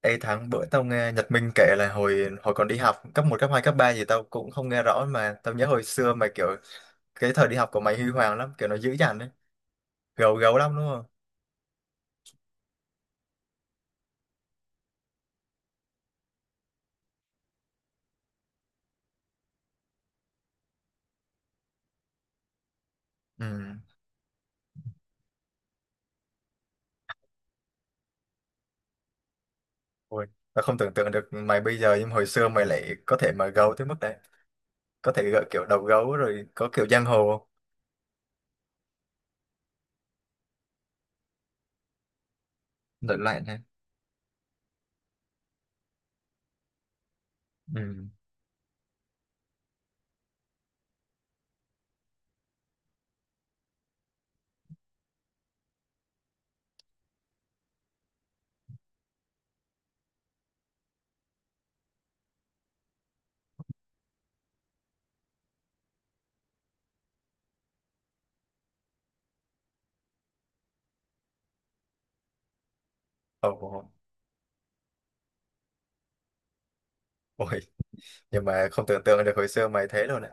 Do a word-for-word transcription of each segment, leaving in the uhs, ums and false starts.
Ê Thắng, bữa tao nghe Nhật Minh kể là hồi hồi còn đi học cấp một cấp hai cấp ba gì tao cũng không nghe rõ, mà tao nhớ hồi xưa mà kiểu cái thời đi học của mày huy hoàng lắm, kiểu nó dữ dằn đấy, gấu gấu lắm đúng không? Ừ. Ôi, tao không tưởng tượng được mày bây giờ nhưng hồi xưa mày lại có thể mà gấu tới mức đấy, có thể gợi kiểu đầu gấu rồi có kiểu giang hồ không? Lợn lại nè. Ừ. Ồ, ôi, nhưng mà không tưởng tượng được hồi xưa mày thế đâu nè.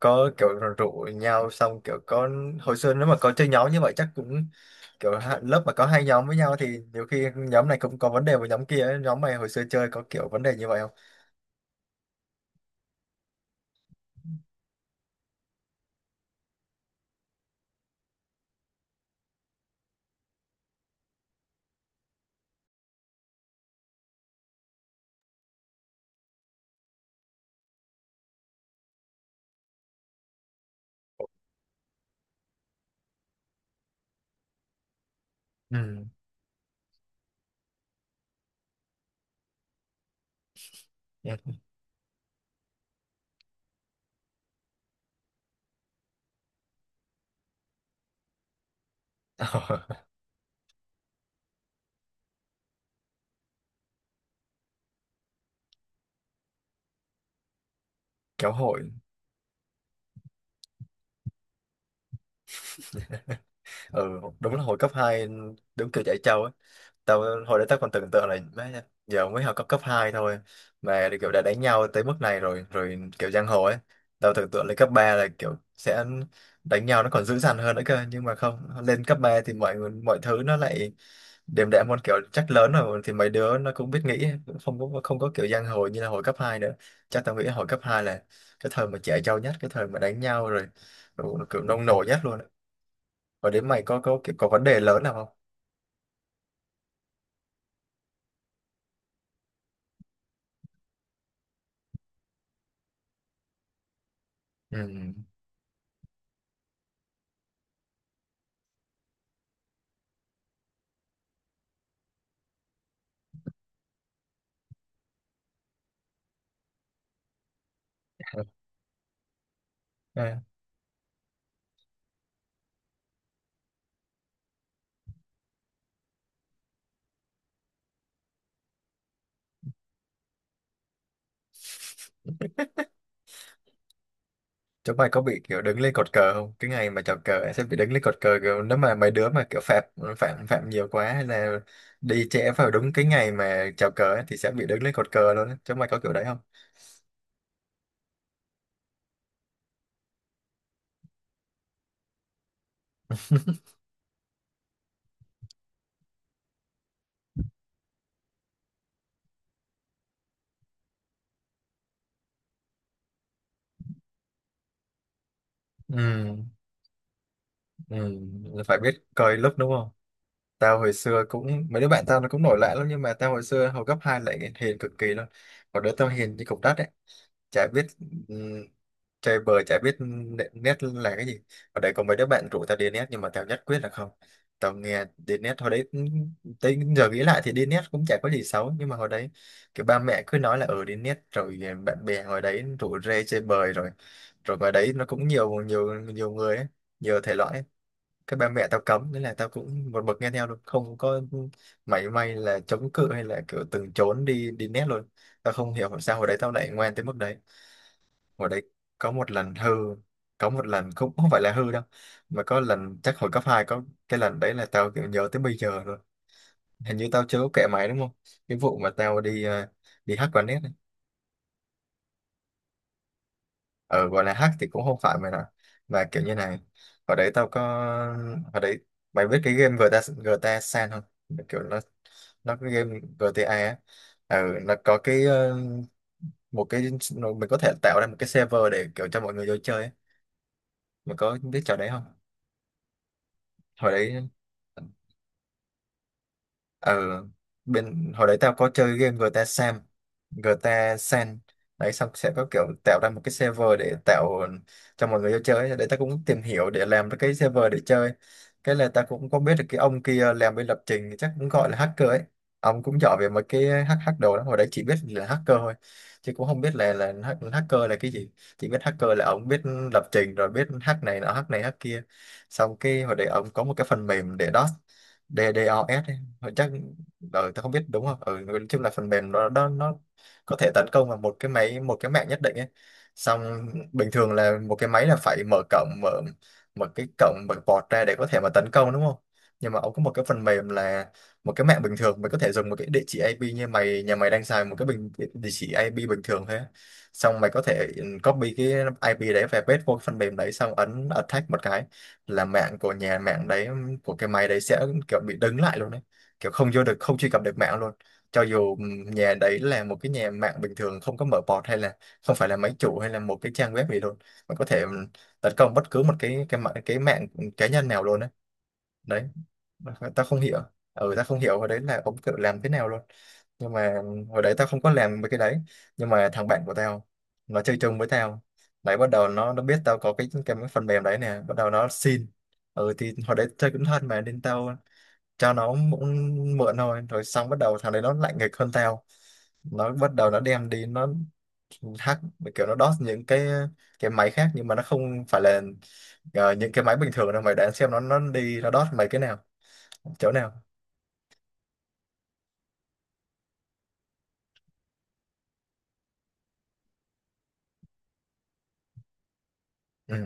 Có kiểu rủ nhau xong kiểu có, hồi xưa nếu mà có chơi nhóm như vậy chắc cũng kiểu ha- lớp mà có hai nhóm với nhau thì nhiều khi nhóm này cũng có vấn đề với nhóm kia ấy. Nhóm mày hồi xưa chơi có kiểu vấn đề như vậy không? Ừ. Dạ. Ờ, kéo hội. Ừ, đúng là hồi cấp hai, đúng kiểu chạy trâu ấy. Tao hồi đấy tao còn tưởng tượng là má, giờ mới học cấp cấp hai thôi mà kiểu đã đánh nhau tới mức này rồi, rồi kiểu giang hồ ấy. Tao tưởng tượng lên cấp ba là kiểu sẽ đánh nhau nó còn dữ dằn hơn nữa cơ, nhưng mà không, lên cấp ba thì mọi người- mọi thứ nó lại đềm đạm hơn, kiểu chắc lớn rồi thì mấy đứa nó cũng biết nghĩ, cũng không có không có kiểu giang hồ như là hồi cấp hai nữa. Chắc tao nghĩ hồi cấp hai là cái thời mà trẻ trâu nhất, cái thời mà đánh nhau rồi, rồi kiểu nông nổi nhất luôn. Và đến mày có có kiểu có vấn đề lớn nào không? Ừ. Chúng mày có bị kiểu đứng lên cột cờ không? Cái ngày mà chào cờ ấy sẽ bị đứng lên cột cờ, kiểu nếu mà mấy đứa mà kiểu phạm phạm phạm nhiều quá hay là đi trễ vào đúng cái ngày mà chào cờ ấy, thì sẽ bị đứng lên cột cờ luôn ấy. Chúng mày có kiểu đấy không? Ừ, ừ, phải biết coi lúc đúng không? Tao hồi xưa cũng mấy đứa bạn tao nó cũng nổi loạn lắm nhưng mà tao hồi xưa hồi cấp hai lại hiền cực kỳ luôn. Còn đứa tao hiền như cục đất ấy. Chả biết, ừm, chơi bời chả biết nệ- nét là cái gì. Ở đây có mấy đứa bạn rủ tao đi nét nhưng mà tao nhất quyết là không. Tao nghe đi nét hồi đấy cũng, tới giờ nghĩ lại thì đi nét cũng chả có gì xấu, nhưng mà hồi đấy kiểu ba mẹ cứ nói là ở đi nét rồi bạn bè hồi đấy rủ rê chơi bời rồi, rồi ngoài đấy nó cũng nhiều nhiều nhiều người ấy, nhiều thể loại ấy. Cái ba mẹ tao cấm nên là tao cũng một mực nghe theo luôn, không có mảy may là chống cự hay là kiểu từng trốn đi đi nét luôn. Tao không hiểu sao hồi đấy tao lại ngoan tới mức đấy. Hồi đấy có một lần hư, có một lần cũng không phải là hư đâu, mà có lần chắc hồi cấp hai, có cái lần đấy là tao kiểu nhớ tới bây giờ rồi. Hình như tao chưa có kể mày đúng không, cái vụ mà tao đi ờ, đi hack quán net ấy. Ờ, gọi là hack thì cũng không phải mày nào, mà kiểu như này. Hồi đấy tao có, hồi đấy mày biết cái game giê tê a giê tê a San không? Kiểu nó nó cái game giê tê a á. Ừ, nó có cái ờ, một cái, nó- mình có thể tạo ra một cái server để kiểu cho mọi người vô chơi ấy. Mày có biết trò đấy không? Hồi đấy, ừ, bên hồi đấy tao có chơi game giê tê a Sam, giê tê a San đấy, xong sẽ có kiểu tạo ra một cái server để tạo cho mọi người vô chơi đấy. Tao cũng tìm hiểu để làm được cái server để chơi. Cái là tao cũng có biết được cái ông kia làm bên lập trình chắc cũng gọi là hacker ấy. Ông cũng giỏi về mấy cái hack hack đồ đó, hồi đấy chỉ biết là hacker thôi chứ cũng không biết là là hack- hacker là cái gì. Chỉ biết hacker là ông biết lập trình rồi biết hack này nọ, hack này hack kia. Xong cái hồi đấy ông có một cái phần mềm để đó, DDoS họ chắc. Ờ, tao không biết đúng không. Ừ, nói chung là phần mềm đó, đó nó có thể tấn công vào một cái máy, một cái mạng nhất định ấy. Xong bình thường là một cái máy là phải mở cổng, mở một cái cổng mở port ra để có thể mà tấn công đúng không. Nhưng mà ông có một cái phần mềm là một cái mạng bình thường mới có thể dùng. Một cái địa chỉ i pê như mày, nhà mày đang xài một cái bình địa chỉ i pê bình thường thôi á. Xong mày có thể ừ, copy cái i pê đấy về paste vô cái phần mềm đấy xong ấn attack một cái là mạng của nhà mạng đấy, của cái máy đấy sẽ kiểu bị đứng lại luôn đấy, kiểu không vô được, không truy cập được mạng luôn. Cho dù ừm, nhà đấy là một cái nhà mạng bình thường không có mở port hay là không phải là máy chủ hay là một cái trang web gì luôn, mình có thể ừm, tấn công bất cứ một cái cái mạng cái mạng cá nhân nào luôn đấy. Đấy. Ta không hiểu, ừ ta không hiểu hồi đấy là ông tự làm thế nào luôn. Nhưng mà hồi đấy tao không có làm mấy cái đấy, nhưng mà thằng bạn của tao, nó chơi chung với tao đấy, bắt đầu nó nó biết tao có cái cái phần mềm đấy nè, bắt đầu nó xin. Ừ thì hồi đấy chơi cũng thân mà nên tao cho nó cũng mượn thôi. Rồi xong bắt đầu thằng đấy nó lạnh nghịch hơn tao, nó bắt đầu nó đem đi, nó hack, kiểu nó đốt những cái cái máy khác, nhưng mà nó không phải là ờ, những cái máy bình thường đâu. Mày đoán xem nó nó đi nó đốt mấy cái nào, chỗ nào? Ừ,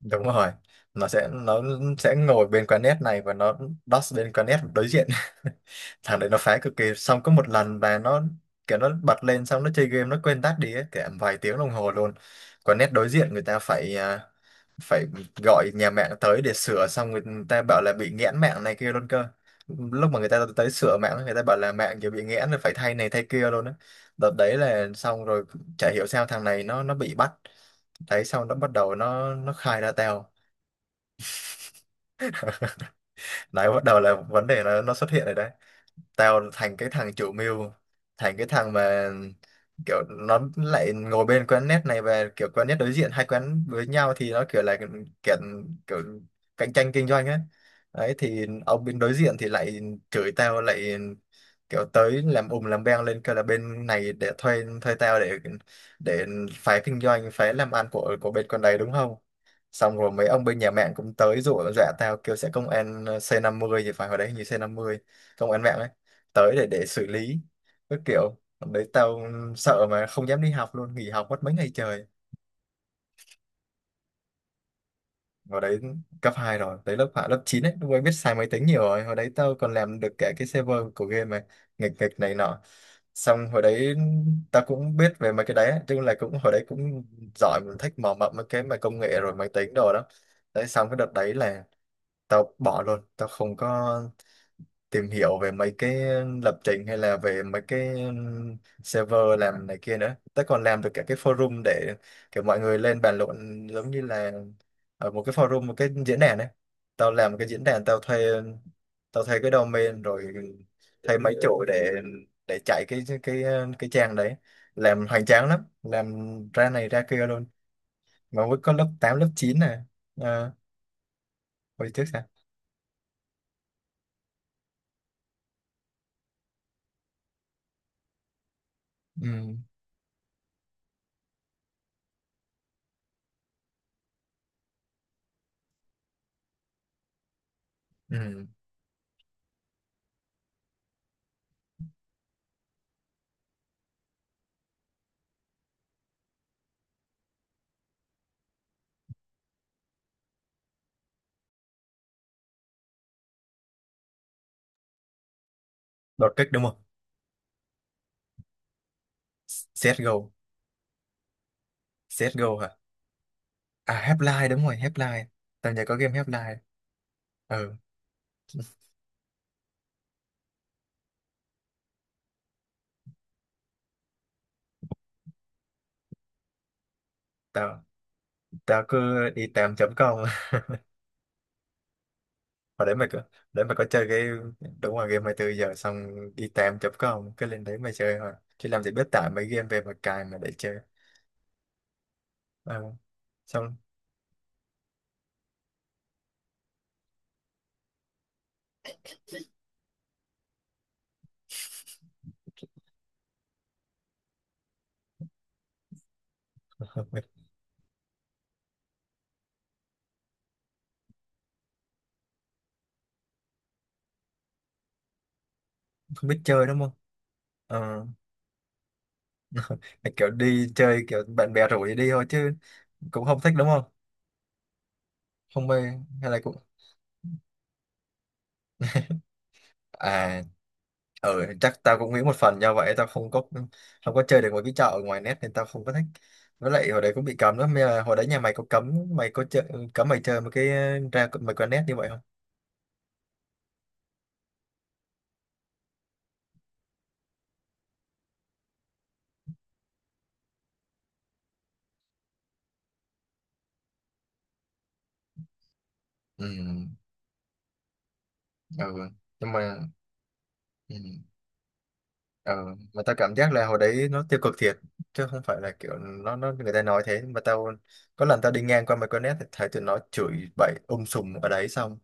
đúng rồi. Nó sẽ, nó sẽ ngồi bên quán net này và nó đốt bên quán net đối diện. Thằng đấy nó phá cực kỳ. Xong có một lần và nó kiểu nó bật lên xong nó chơi game nó quên tắt đi ấy, cả vài tiếng đồng hồ luôn. Còn net đối diện người ta phải à, phải gọi nhà mạng tới để sửa. Xong người ta bảo là bị nghẽn mạng này kia luôn cơ. Lúc mà người ta tới sửa mạng, người ta bảo là mạng kia bị nghẽn rồi, phải thay này thay kia luôn á. Đợt đấy là xong rồi. Chả hiểu sao thằng này nó nó bị bắt. Đấy xong nó bắt đầu nó nó khai ra tao. Đấy, bắt đầu là vấn đề nó nó xuất hiện rồi đấy. Tao thành cái thằng chủ mưu, thành cái thằng mà, kiểu nó lại ngồi bên quán net này và kiểu quán net đối diện hai quán với nhau thì nó kiểu là kiểu, kiểu cạnh tranh kinh doanh ấy. Đấy thì ông bên đối diện thì lại chửi tao lại, kiểu tới làm ùm làm beng lên, kêu là bên này để thuê thuê tao để để phá kinh doanh, phá làm ăn của của bên con đấy đúng không. Xong rồi mấy ông bên nhà mạng cũng tới dụ dọa tao, kêu sẽ công an ờ, xê năm không thì phải, hồi đấy hình như xê năm không, công an mạng ấy, tới để để xử lý. Cái kiểu hôm đấy tao sợ mà không dám đi học luôn, nghỉ học mất mấy ngày trời. Hồi đấy cấp hai rồi tới lớp hạ lớp chín ấy, lúc ấy biết xài máy tính nhiều rồi. Hồi đấy tao còn làm được cả cái server của game mà, nghịch nghịch này nọ. Xong hồi đấy tao cũng biết về mấy cái đấy chứ, là cũng hồi đấy cũng giỏi, mình thích mò mẫm mấy cái mà công nghệ rồi máy tính đồ đó. Đấy xong cái đợt đấy là tao bỏ luôn, tao không có tìm hiểu về mấy cái lập trình hay là về mấy cái um, server làm này kia nữa. Tao còn làm được cả cái forum để kiểu mọi người lên bàn luận, giống như là ở một cái forum, một cái diễn đàn ấy. Tao làm cái diễn đàn, tao thuê, tao thuê cái domain rồi thuê mấy chỗ để để chạy cái cái cái trang đấy. Làm hoành tráng lắm, làm ra này ra kia luôn mà mới có lớp tám lớp chín này à. Ờ, hồi trước sao. Ừ. Ừ. Đột kích đúng không? xê ét giê o. xê ét giê o hả? À, Half-Life, đúng rồi, Half-Life, tao nhớ có game Half-Life. Ừ. tao tao cứ đi tám chấm công. Hồi đấy mày có, để mày có chơi cái, đúng rồi, game 24 giờ. Xong đi tám chấm công cứ lên đấy mà chơi thôi, chứ làm gì biết tải mấy game về mà cài mà để chơi. Ừ. Xong không biết chơi đúng không? Ờ, kiểu đi chơi kiểu bạn bè rủ thì đi thôi chứ cũng không thích đúng không, không mê, hay là cũng, à, ừ chắc tao cũng nghĩ một phần do vậy tao không có không có chơi được một cái chợ ở ngoài net nên tao không có thích. Với lại hồi đấy cũng bị cấm lắm. Mới là hồi đấy nhà mày có cấm mày có chơi, cấm mày chơi một cái, ờ, ra mày qua net như vậy không? Ừ, ừ, nhưng mà ừ. Ờ, mà tao cảm giác là hồi đấy nó tiêu cực thiệt, chứ không phải là kiểu nó nó người ta nói thế mà tao, có lần tao đi ngang qua mấy con nét thì thấy tụi nó chửi bậy um sùm ở đấy, xong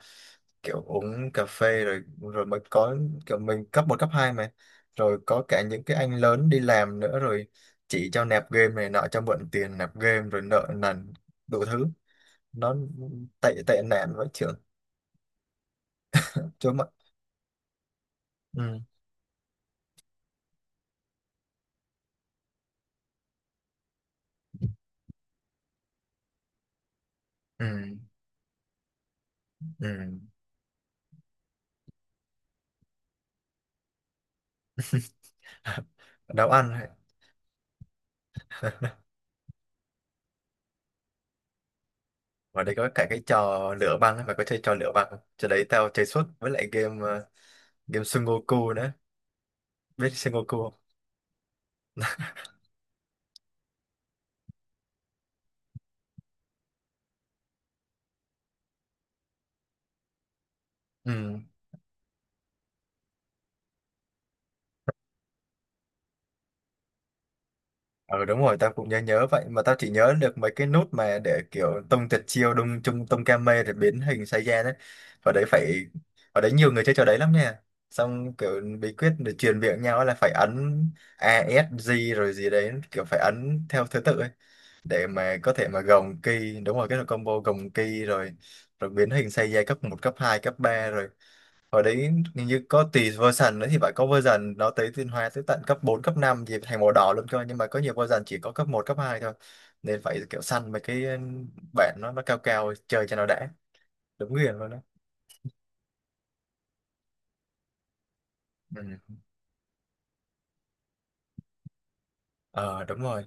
kiểu uống cà phê rồi, rồi mới có kiểu mình cấp một cấp hai mà, rồi có cả những cái anh lớn đi làm nữa, rồi chỉ cho nạp game này nọ, cho mượn tiền nạp game rồi nợ nần đủ thứ. Nó tệ tệ nạn với trưởng chúa mà. Ừ, ừ, ừ. Nấu ăn. Ngoài đây có cả cái trò lửa băng ấy, mày có chơi trò lửa băng không? Trò đấy tao chơi suốt, với lại game ờ, game Sudoku nữa. Biết Sudoku không? Ừ. Ờ đúng rồi, tao cũng nhớ nhớ vậy, mà tao chỉ nhớ được mấy cái nút mà để kiểu tung tuyệt chiêu đung chung tung kame rồi biến hình sai ra đấy. Và đấy phải, và đấy nhiều người chơi trò đấy lắm nha. Xong kiểu bí quyết để truyền miệng nhau là phải ấn A S G rồi gì đấy, kiểu phải ấn theo thứ tự ấy, để mà có thể mà gồng ki, đúng rồi, cái là combo gồng ki rồi rồi biến hình xây dây cấp một cấp hai cấp ba rồi. Hồi đấy hình như có tùy version nữa thì phải, có version nó tới tiến hóa tới tận cấp bốn cấp năm gì thành màu đỏ luôn cơ, nhưng mà có nhiều version chỉ có cấp một cấp hai thôi, nên phải kiểu săn mấy cái, ừ, bản nó nó cao cao chơi cho nó đã. Đúng nghiền luôn đó. Ừ. Ờ đúng rồi.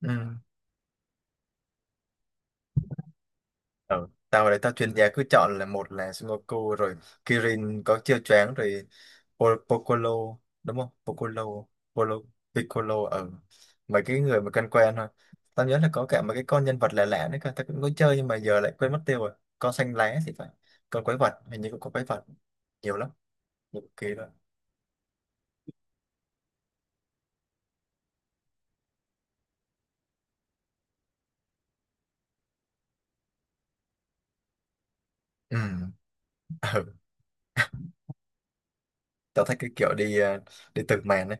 Ừ. Ừ. Tao đấy tao chuyên gia cứ chọn là một là Sudoku rồi Kirin có chiêu choáng rồi, Po- Piccolo đúng không? Piccolo, Piccolo, Piccolo, ừ. Mấy cái người mà quen quen thôi. Tao nhớ là có cả mấy cái con nhân vật lạ lạ nữa cơ, tao cũng có chơi nhưng mà giờ lại quên mất tiêu rồi. Con xanh lá thì phải. Con quái vật, hình như cũng có quái vật, nhiều lắm, nhiều kỳ lắm. Ừ. Ừ. Tao thích cái kiểu đi ờ, đi từng màn ấy,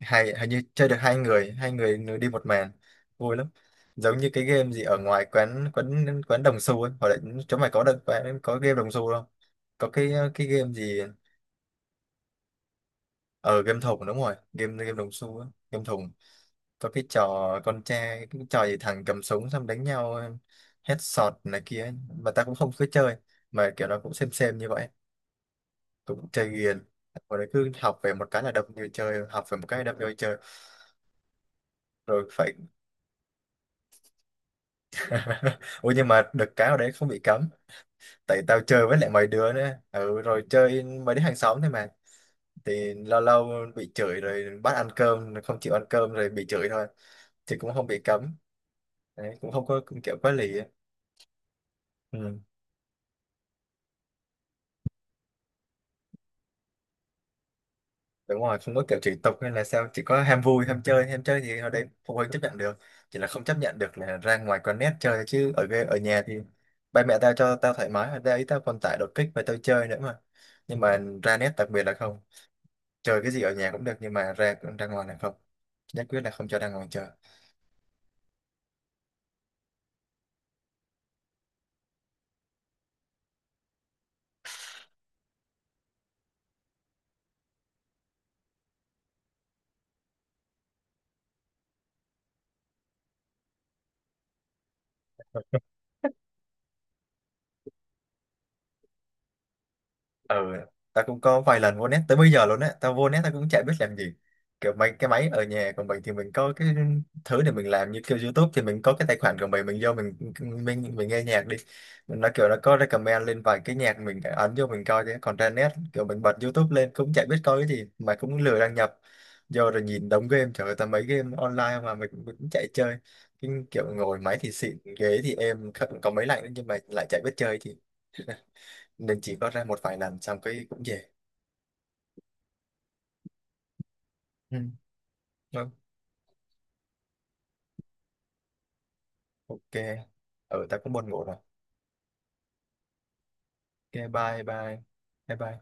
hay hình như chơi được hai người, hai người nửa đi một màn vui lắm, giống như cái game gì ở ngoài quán quán quán đồng xu ấy, hoặc là chỗ mày có được quán- có game đồng xu không, có cái cái game gì ở game thùng, đúng rồi, game game đồng xu á, game thùng, có cái trò con trai, cái trò gì thằng cầm súng xong đánh nhau, headshot này kia ấy, mà ta cũng không cứ chơi mà kiểu nó cũng xem xem như vậy, cũng chơi ghiền, rồi cứ học về một cái là đập người chơi, học về một cái đập người chơi, rồi phải. Ủa nhưng mà được cái ở đấy không bị cấm. Tại tao chơi với lại mấy đứa nữa, ừ, rồi chơi mấy đứa hàng xóm thôi mà. Thì lâu lâu bị chửi rồi bắt ăn cơm, không chịu ăn cơm rồi bị chửi thôi. Thì cũng không bị cấm đấy. Cũng không có, cũng kiểu có lý. Ừ. Đúng rồi, không có kiểu chửi tục hay là sao, chỉ có ham vui ham chơi, ham chơi thì ở đấy phụ huynh chấp nhận được. Chỉ là không chấp nhận được là ra ngoài con nét chơi, chứ ở ghê-, ở nhà thì ba mẹ tao cho tao thoải mái. Ở đây tao còn tải đột kích và tao chơi nữa mà. Nhưng mà ra nét đặc biệt là không, chơi cái gì ở nhà cũng được, nhưng mà ra ra ngoài là không, nhất quyết là không cho ra ngoài chơi. Ừ, tao cũng có vài lần vô net tới bây giờ luôn á, tao vô net tao cũng chả biết làm gì. Kiểu mấy cái máy ở nhà của mình thì mình có cái thứ để mình làm, như kiểu YouTube thì mình có cái tài khoản của mình mình vô mình mình mình nghe nhạc đi, nó kiểu nó có recommend lên vài cái nhạc mình ấn vô mình coi, chứ còn trên net kiểu mình bật YouTube lên cũng chả biết coi cái gì mà cũng lười đăng nhập, vô rồi nhìn đống game, trời ơi, tao mấy game online mà mình, mình cũng chạy chơi, cái kiểu ngồi máy thì xịn, ghế thì êm, có có mấy lạnh nhưng mà lại chả biết chơi thì, nên chỉ có ra một vài lần xong cái cũng về. Ừ. Vâng, ok. Ừ, ta cũng buồn ngủ rồi. Ok, bye bye. Bye bye.